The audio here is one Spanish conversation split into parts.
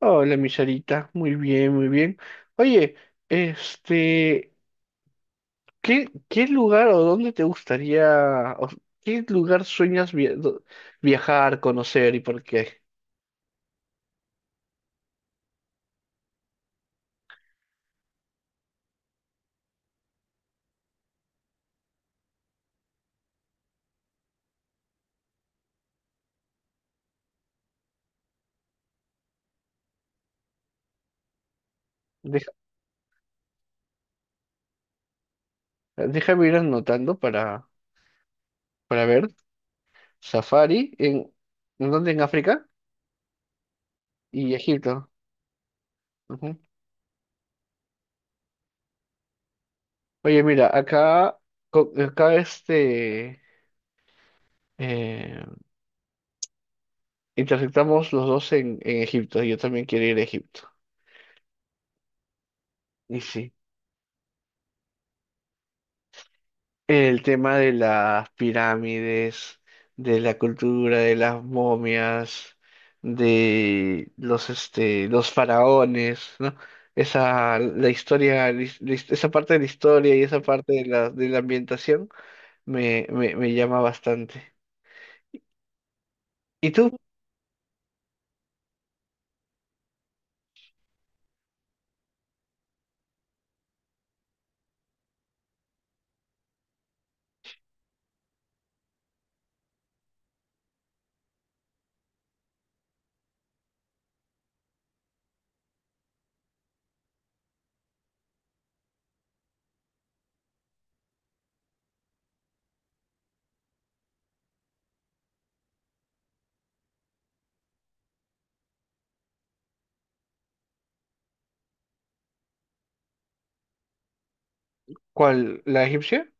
Hola, mi Sarita. Muy bien, muy bien. Oye, este, ¿qué lugar o dónde te gustaría, o qué lugar sueñas viajar, conocer y por qué? Deja- Déjame ir anotando para ver. Safari, ¿en dónde? En África y Egipto. Ujú. Oye, mira, acá, acá eh, intersectamos los dos en Egipto. Yo también quiero ir a Egipto. Y sí. El tema de las pirámides, de la cultura, de las momias, de los faraones, ¿no? Esa, la historia, esa parte de la historia y esa parte de de la ambientación me llama bastante. ¿Y tú? ¿Cuál? ¿La egipcia?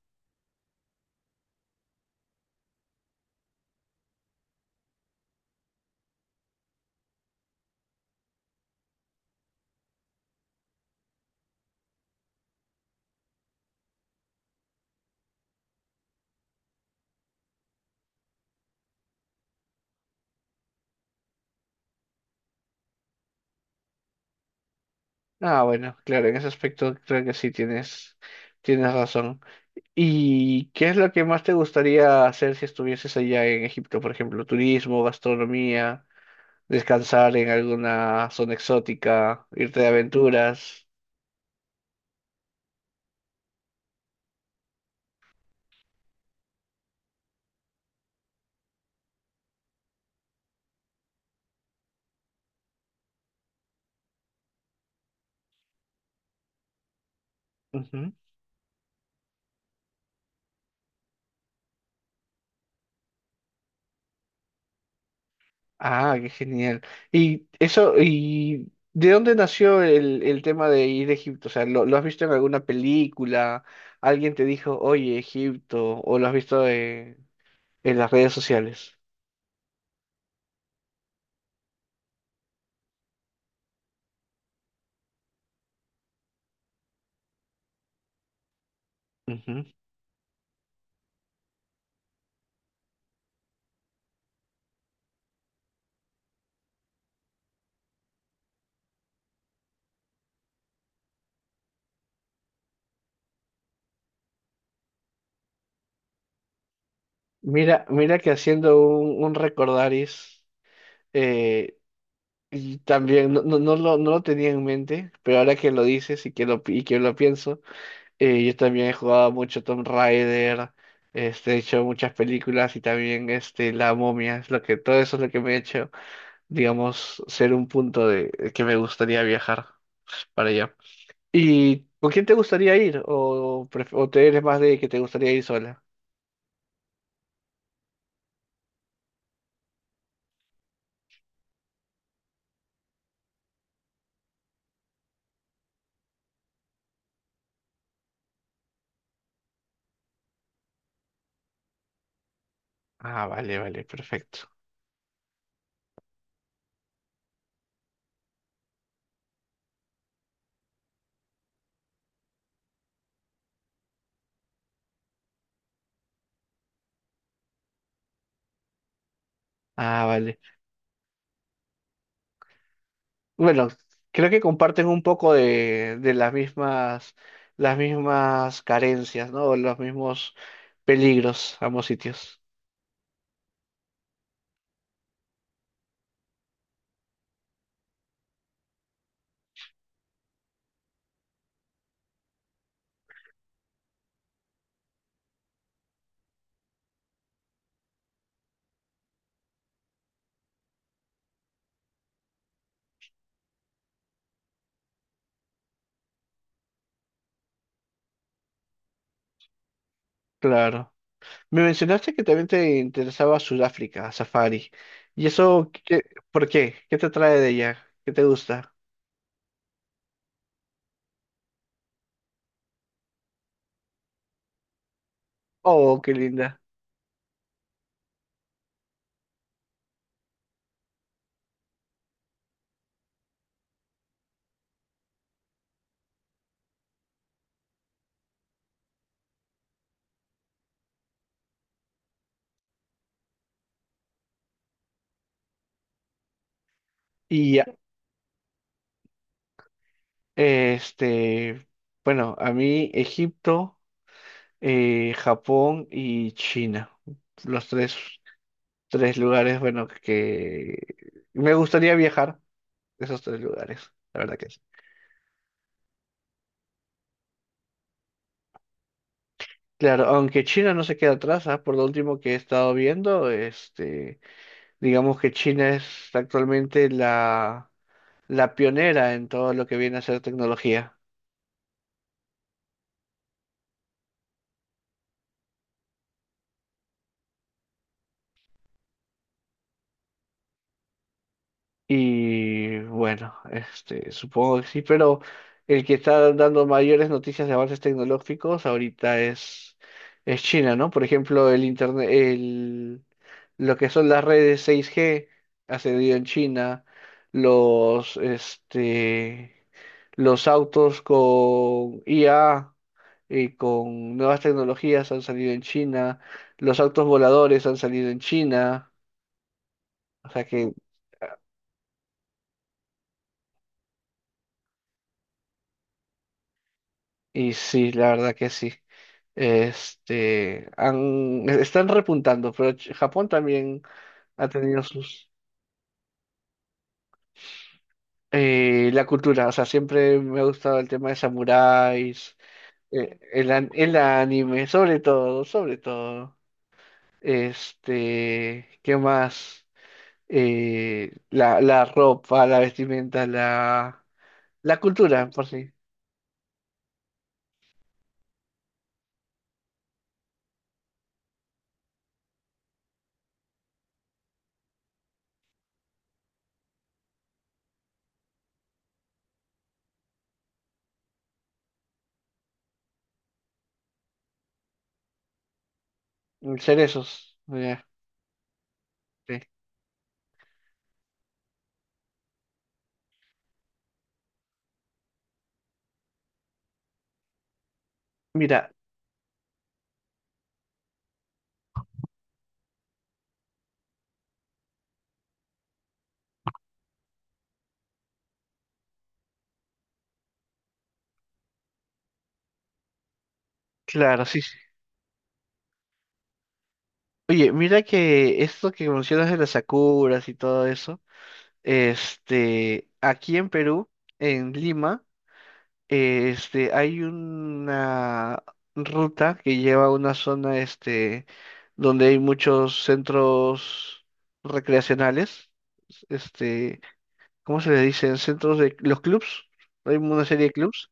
Ah, bueno, claro, en ese aspecto creo que tienes razón. ¿Y qué es lo que más te gustaría hacer si estuvieses allá en Egipto? Por ejemplo, turismo, gastronomía, descansar en alguna zona exótica, irte de aventuras. Ujú. Ah, qué genial. Y eso, ¿y de dónde nació el tema de ir a Egipto? O sea, lo has visto en alguna película? ¿Alguien te dijo, oye, Egipto? ¿O lo has visto en las redes sociales? Ujú. Mira, mira que haciendo un recordaris. eh, Y también no, no lo tenía en mente, pero ahora que lo dices y que y que lo pienso, yo también he jugado mucho Tomb Raider, he hecho muchas películas y también La Momia, es lo que, todo eso es lo que me ha hecho, digamos, ser un punto de que me gustaría viajar para allá. ¿Y con quién te gustaría ir? O te eres más de que te gustaría ir sola? Ah, vale, vale, perfecto. Ah, vale. Bueno, creo que comparten un poco de las mismas carencias, ¿no? Los mismos peligros, ambos sitios. Claro. Me mencionaste que también te interesaba Sudáfrica, Safari. ¿Y eso qué, por qué? ¿Qué te trae de ella? ¿Qué te gusta? Oh, qué linda. Y ya, este, bueno, a mí Egipto, Japón y China. Los tres Tres lugares, bueno, que me gustaría viajar esos tres lugares, la verdad que sí. Claro, aunque China no se queda atrás, ¿ah? Por lo último que he estado viendo, digamos que China es actualmente la pionera en todo lo que viene a ser tecnología. Y bueno, supongo que sí, pero el que está dando mayores noticias de avances tecnológicos ahorita es China, ¿no? Por ejemplo, el internet, lo que son las redes 6G ha cedido en China, los, este, los autos con IA y con nuevas tecnologías han salido en China, los autos voladores han salido en China, o sea que Y sí, la verdad que sí. Están repuntando, pero Japón también ha tenido sus... la cultura, o sea, siempre me ha gustado el tema de samuráis, el anime, sobre todo, sobre todo. Este, ¿qué más? La ropa, la vestimenta, la cultura, por sí. Cerezos. Mira, sí. Mira, claro, sí, sí. Oye, mira que esto que mencionas de las sakuras y todo eso, aquí en Perú, en Lima, hay una ruta que lleva a una zona, donde hay muchos centros recreacionales, este, ¿cómo se le dicen? Centros de los clubs, hay una serie de clubs.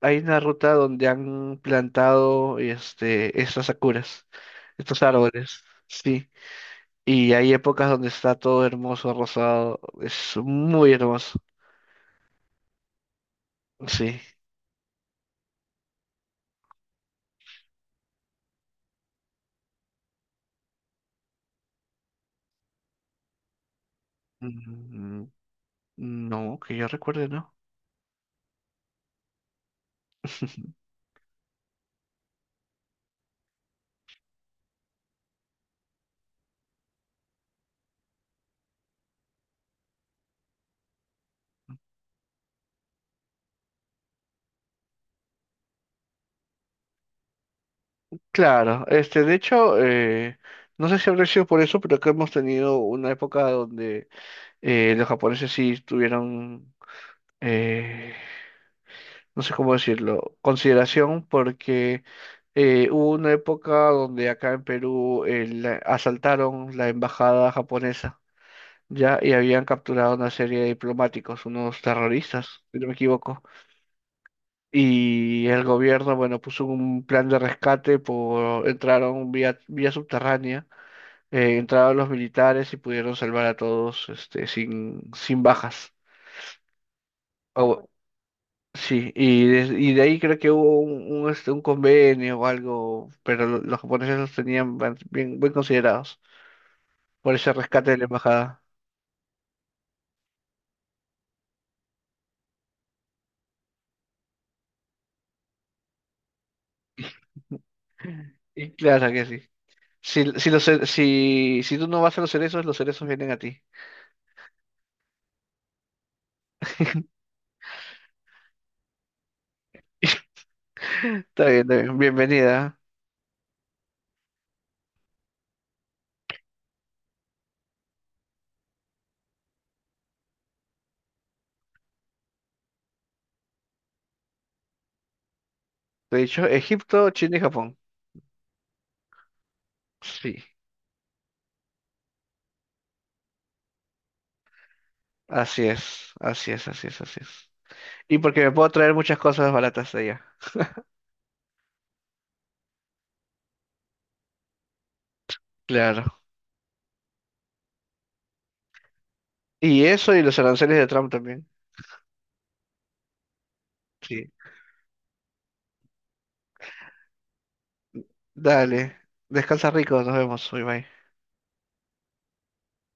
Hay una ruta donde han plantado, estas sakuras, estos árboles, sí. Y hay épocas donde está todo hermoso, rosado. Es muy hermoso. Sí. Mm, no, que yo recuerde, ¿no? Claro, de hecho, no sé si habrá sido por eso, pero que hemos tenido una época donde los japoneses sí tuvieron, eh, no sé cómo decirlo, consideración porque hubo una época donde acá en Perú asaltaron la embajada japonesa. Ya, y habían capturado una serie de diplomáticos, unos terroristas, si no me equivoco. Y el gobierno, bueno, puso un plan de rescate por, entraron vía subterránea, entraron los militares y pudieron salvar a todos, sin bajas. Bueno, sí, y de ahí creo que hubo un convenio o algo, pero los japoneses los tenían bien considerados por ese rescate de la embajada. Y claro que sí. Si, los ce- si, si tú no vas a los cerezos vienen a ti. Está bien, está bien. Bienvenida. De hecho, Egipto, China y Japón. Sí, así es, así es, así es, así es. Y porque me puedo traer muchas cosas baratas de allá. Claro. Y eso y los aranceles de Trump también. Sí. Dale. Descansa rico, nos vemos. Bye bye.